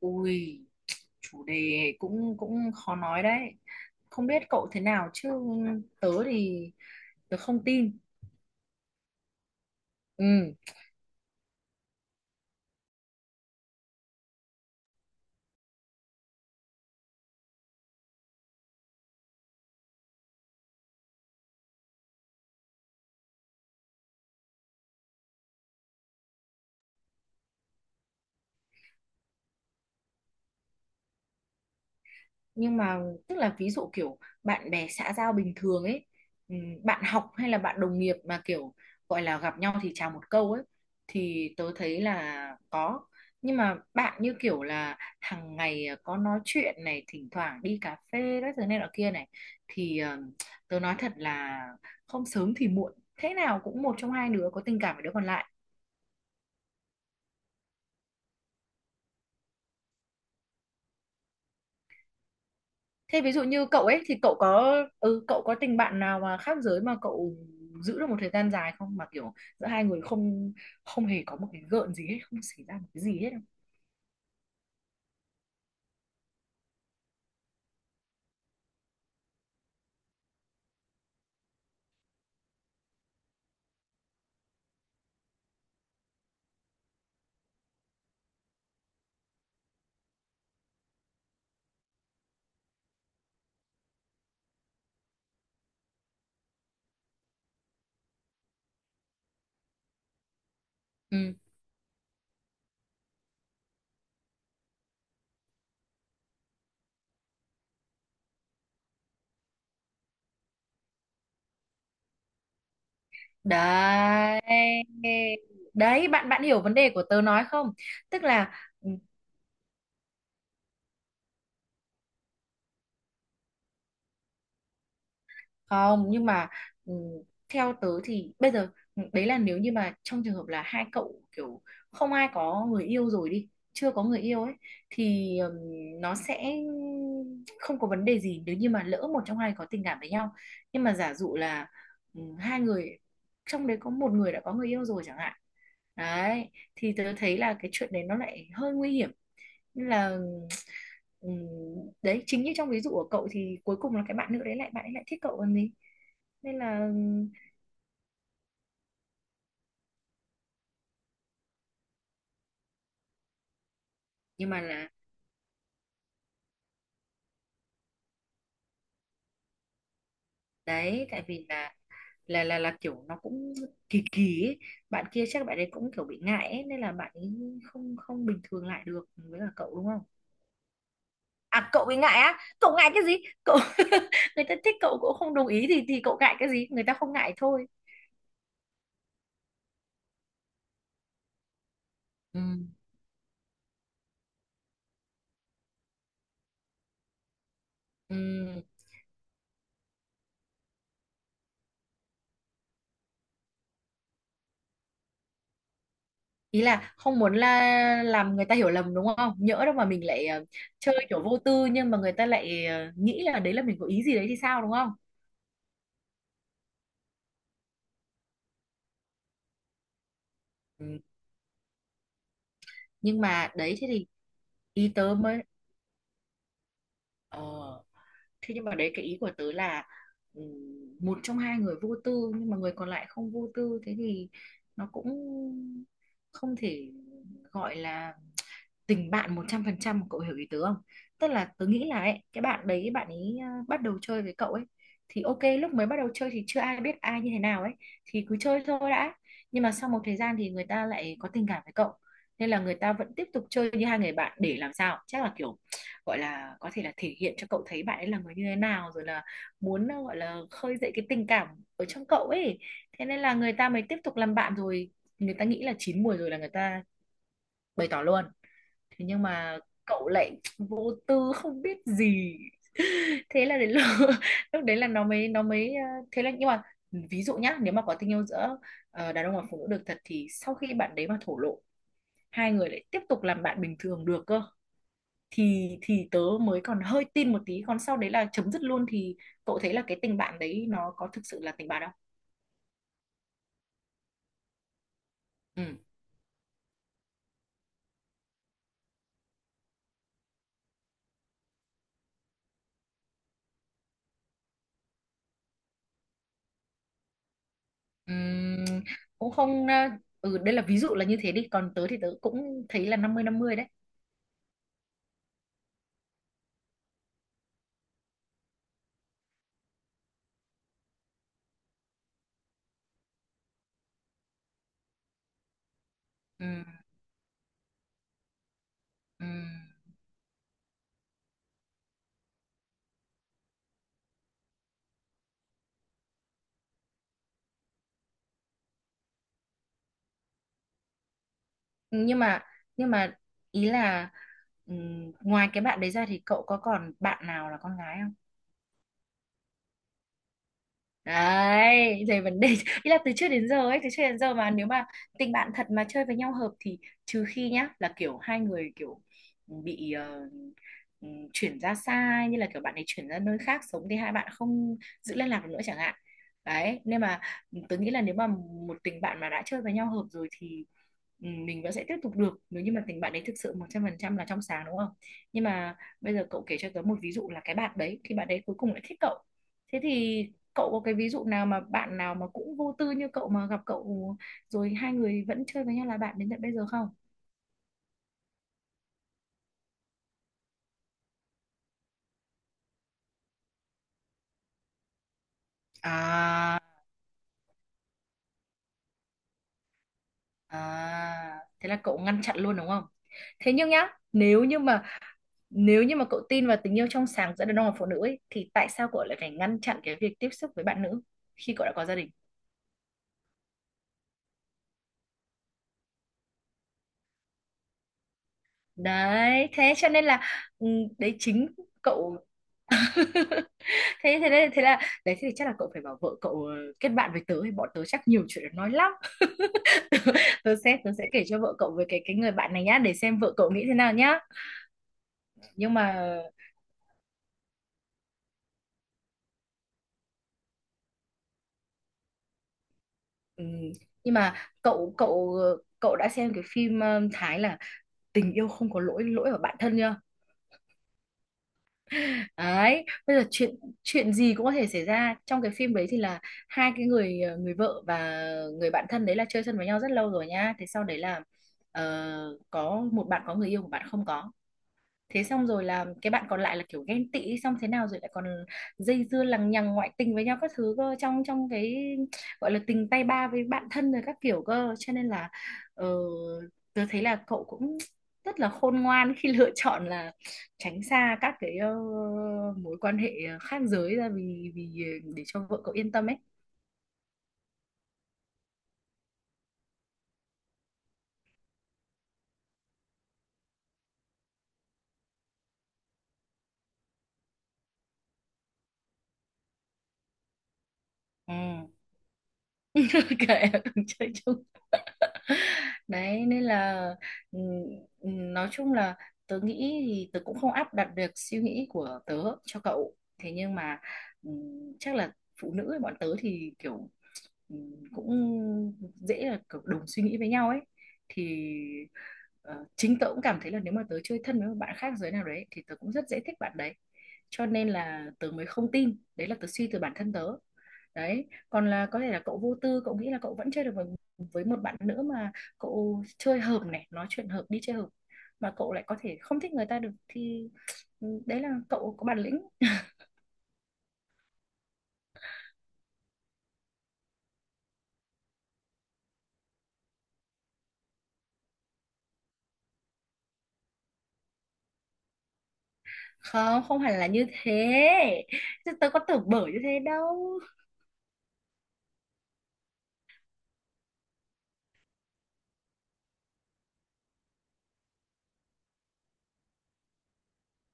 Ui, chủ đề cũng cũng khó nói đấy. Không biết cậu thế nào chứ tớ thì tớ không tin. Ừ, nhưng mà tức là, ví dụ kiểu bạn bè xã giao bình thường ấy, ừm, bạn học hay là bạn đồng nghiệp mà kiểu gọi là gặp nhau thì chào một câu ấy, thì tớ thấy là có. Nhưng mà bạn như kiểu là hàng ngày có nói chuyện này, thỉnh thoảng đi cà phê các thứ này nọ kia này, thì tớ nói thật là không sớm thì muộn thế nào cũng một trong hai đứa có tình cảm với đứa còn lại. Thế ví dụ như cậu ấy, thì cậu có ừ cậu có tình bạn nào mà khác giới mà cậu giữ được một thời gian dài không, mà kiểu giữa hai người không không hề có một cái gợn gì hết, không xảy ra một cái gì hết không? Ừ. Đấy. Đấy bạn bạn hiểu vấn đề của tớ nói không? Tức là ừ, không, nhưng mà ừ, theo tớ thì bây giờ đấy là nếu như mà trong trường hợp là hai cậu kiểu không ai có người yêu rồi, đi, chưa có người yêu ấy, thì nó sẽ không có vấn đề gì nếu như mà lỡ một trong hai có tình cảm với nhau. Nhưng mà giả dụ là hai người trong đấy có một người đã có người yêu rồi chẳng hạn, đấy, thì tớ thấy là cái chuyện đấy nó lại hơi nguy hiểm. Nên là Ừ, đấy chính như trong ví dụ của cậu, thì cuối cùng là cái bạn nữ đấy, lại bạn ấy lại thích cậu còn gì, nên là. Nhưng mà là Đấy tại vì là kiểu nó cũng kỳ kỳ ấy. Bạn kia chắc bạn ấy cũng kiểu bị ngại ấy, nên là bạn ấy không không bình thường lại được với cả cậu đúng không. À, cậu bị ngại á? Cậu ngại cái gì cậu? Người ta thích cậu, cậu không đồng ý thì cậu ngại cái gì, người ta không ngại thôi. Ừ. Ừ. Ý là không muốn là làm người ta hiểu lầm, đúng không, nhỡ đâu mà mình lại chơi kiểu vô tư nhưng mà người ta lại nghĩ là đấy là mình có ý gì đấy thì sao, đúng không? Ừ. Nhưng mà đấy thế thì ý tớ mới ờ thế. Nhưng mà đấy, cái ý của tớ là ừ, một trong hai người vô tư nhưng mà người còn lại không vô tư, thế thì nó cũng không thể gọi là tình bạn 100%, cậu hiểu ý tớ không? Tức là tớ nghĩ là ấy, cái bạn đấy, bạn ấy à, bắt đầu chơi với cậu ấy thì ok, lúc mới bắt đầu chơi thì chưa ai biết ai như thế nào ấy, thì cứ chơi thôi đã. Nhưng mà sau một thời gian thì người ta lại có tình cảm với cậu, nên là người ta vẫn tiếp tục chơi như hai người bạn, để làm sao chắc là kiểu gọi là có thể là thể hiện cho cậu thấy bạn ấy là người như thế nào, rồi là muốn gọi là khơi dậy cái tình cảm ở trong cậu ấy. Thế nên là người ta mới tiếp tục làm bạn rồi người ta nghĩ là chín mùi rồi là người ta bày tỏ luôn. Thế nhưng mà cậu lại vô tư không biết gì. Thế là đến lúc, lúc đấy là nó mới thế là. Nhưng mà ví dụ nhá, nếu mà có tình yêu giữa đàn ông và phụ nữ được thật, thì sau khi bạn đấy mà thổ lộ, hai người lại tiếp tục làm bạn bình thường được cơ, thì tớ mới còn hơi tin một tí, còn sau đấy là chấm dứt luôn thì cậu thấy là cái tình bạn đấy nó có thực sự là tình bạn không? Ừ. Ừm, Cũng không đây là ví dụ là như thế đi, còn tớ thì tớ cũng thấy là 50/50 đấy. Ừ. Ừ. nhưng mà nhưng mà ý là, ngoài cái bạn đấy ra thì cậu có còn bạn nào là con gái? Đấy, thì vấn đề. Ý là từ trước đến giờ ấy, từ trước đến giờ mà nếu mà tình bạn thật mà chơi với nhau hợp thì, trừ khi nhá là kiểu hai người kiểu bị chuyển ra xa ấy, như là kiểu bạn ấy chuyển ra nơi khác sống thì hai bạn không giữ liên lạc được nữa chẳng hạn. Đấy, nên mà tớ nghĩ là nếu mà một tình bạn mà đã chơi với nhau hợp rồi thì mình vẫn sẽ tiếp tục được nếu như mà tình bạn ấy thực sự 100% là trong sáng, đúng không? Nhưng mà bây giờ cậu kể cho tớ một ví dụ là cái bạn đấy thì bạn đấy cuối cùng lại thích cậu, thế thì cậu có cái ví dụ nào mà bạn nào mà cũng vô tư như cậu mà gặp cậu rồi hai người vẫn chơi với nhau là bạn đến tận bây giờ không? À, à thế là cậu ngăn chặn luôn đúng không? Thế nhưng nhá, nếu như mà cậu tin vào tình yêu trong sáng giữa đàn ông và phụ nữ ấy, thì tại sao cậu lại phải ngăn chặn cái việc tiếp xúc với bạn nữ khi cậu đã có gia đình? Đấy thế cho nên là ừ, đấy chính cậu. thế thế nên thế là đấy, thì chắc là cậu phải bảo vợ cậu kết bạn với tớ thì bọn tớ chắc nhiều chuyện để nói lắm. Tớ sẽ kể cho vợ cậu về cái người bạn này nhá, để xem vợ cậu nghĩ thế nào nhá. Nhưng mà ừm, nhưng mà cậu cậu cậu đã xem cái phim Thái là Tình yêu không có lỗi, lỗi ở bản thân chưa? Đấy bây giờ chuyện chuyện gì cũng có thể xảy ra. Trong cái phim đấy thì là hai cái người người vợ và người bạn thân đấy là chơi thân với nhau rất lâu rồi nhá, thế sau đấy là có một bạn có người yêu, một bạn không có. Thế xong rồi là cái bạn còn lại là kiểu ghen tị, xong thế nào rồi lại còn dây dưa lằng nhằng ngoại tình với nhau các thứ cơ, trong trong cái gọi là tình tay ba với bạn thân rồi các kiểu cơ. Cho nên là ờ, tớ thấy là cậu cũng rất là khôn ngoan khi lựa chọn là tránh xa các cái mối quan hệ khác giới ra, vì vì để cho vợ cậu yên tâm ấy. Ừ. Kệ, cùng chơi chung. Đấy nên là ừ, nói chung là tớ nghĩ thì tớ cũng không áp đặt được suy nghĩ của tớ cho cậu, thế nhưng mà ừ, chắc là phụ nữ bọn tớ thì kiểu ừ, cũng dễ là kiểu đồng suy nghĩ với nhau ấy, thì chính tớ cũng cảm thấy là nếu mà tớ chơi thân với một bạn khác giới nào đấy thì tớ cũng rất dễ thích bạn đấy, cho nên là tớ mới không tin. Đấy là tớ suy từ bản thân tớ. Đấy còn là có thể là cậu vô tư, cậu nghĩ là cậu vẫn chơi được với một bạn nữ mà cậu chơi hợp này, nói chuyện hợp, đi chơi hợp mà cậu lại có thể không thích người ta được, thì đấy là cậu có bản lĩnh. Không, không hẳn là như thế, chứ tớ có tưởng bở như thế đâu.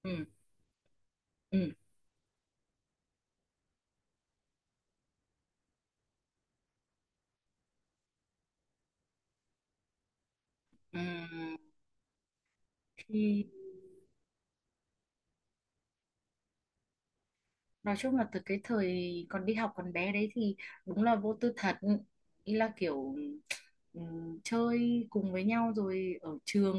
Ừ, ừ, ừ. Thì nói chung là từ cái thời còn đi học còn bé đấy thì đúng là vô tư thật. Ý là kiểu chơi cùng với nhau rồi ở trường,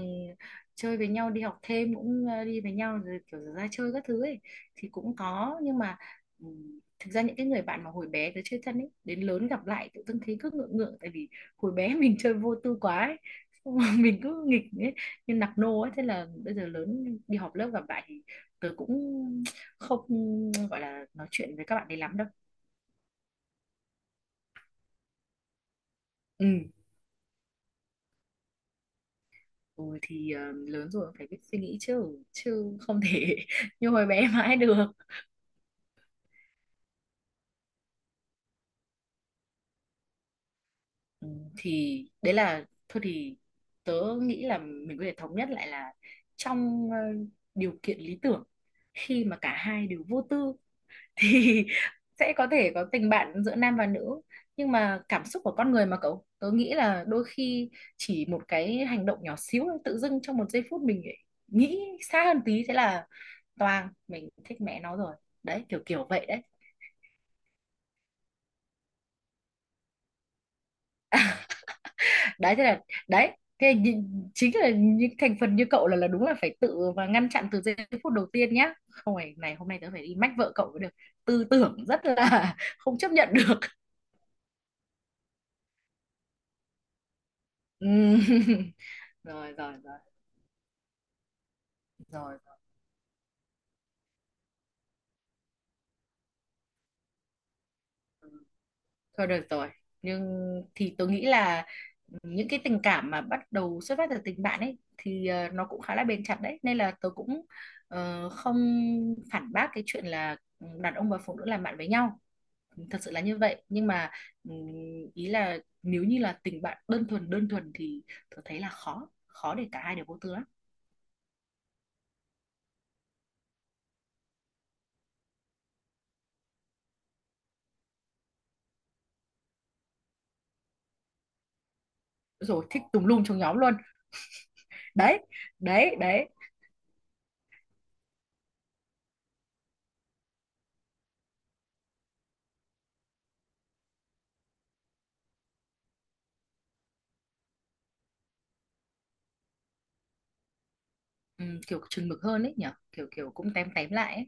chơi với nhau, đi học thêm cũng đi với nhau, rồi kiểu ra chơi các thứ ấy thì cũng có. Nhưng mà thực ra những cái người bạn mà hồi bé tới chơi thân ấy, đến lớn gặp lại tự dưng thấy cứ ngượng ngượng, tại vì hồi bé mình chơi vô tư quá ấy. Xong rồi mình cứ nghịch ấy, như nạc nô ấy, thế là bây giờ lớn đi họp lớp gặp lại thì tớ cũng không gọi là nói chuyện với các bạn ấy lắm đâu. Ừ. Ừ, thì lớn rồi phải biết suy nghĩ chứ chứ không thể như hồi bé mãi được. ừ, thì đấy là thôi thì tớ nghĩ là mình có thể thống nhất lại là trong điều kiện lý tưởng, khi mà cả hai đều vô tư thì sẽ có thể có tình bạn giữa nam và nữ. Nhưng mà cảm xúc của con người mà cậu, tớ nghĩ là đôi khi chỉ một cái hành động nhỏ xíu thôi, tự dưng trong một giây phút mình lại nghĩ xa hơn tí, thế là toang, mình thích mẹ nó rồi. Đấy kiểu kiểu vậy đấy. Đấy thế là đấy thế là nhìn- chính là những thành phần như cậu là đúng là phải tự và ngăn chặn từ giây phút đầu tiên nhá, không phải này, hôm nay tớ phải đi mách vợ cậu mới được. Tư tưởng rất là không chấp nhận được. Ừ. Rồi, rồi, rồi, rồi. Thôi được rồi. Nhưng thì tôi nghĩ là những cái tình cảm mà bắt đầu xuất phát từ tình bạn ấy thì nó cũng khá là bền chặt đấy. Nên là tôi cũng không phản bác cái chuyện là đàn ông và phụ nữ làm bạn với nhau. Thật sự là như vậy. Nhưng mà ừm, ý là nếu như là tình bạn đơn thuần thì tôi thấy là khó. Khó để cả hai đều vô tư lắm. Rồi, thích tùm lum trong nhóm luôn. Đấy, đấy, đấy. Kiểu chừng mực hơn ấy nhở. Kiểu kiểu cũng tém tém lại ấy.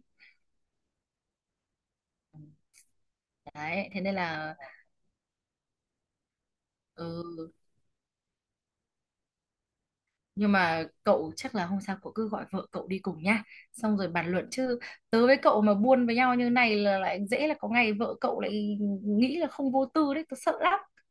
Đấy, thế nên là ừ, nhưng mà cậu chắc là hôm sau cậu cứ gọi vợ cậu đi cùng nhá. Xong rồi bàn luận, chứ tớ với cậu mà buôn với nhau như này là lại dễ là có ngày vợ cậu lại nghĩ là không vô tư đấy, tớ sợ lắm.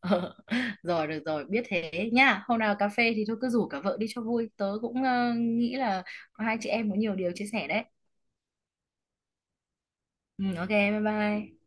Ờ. Rồi được rồi, biết thế nhá. Hôm nào cà phê thì thôi cứ rủ cả vợ đi cho vui. Tớ cũng nghĩ là hai chị em có nhiều điều chia sẻ đấy. Ừ, ok, bye bye.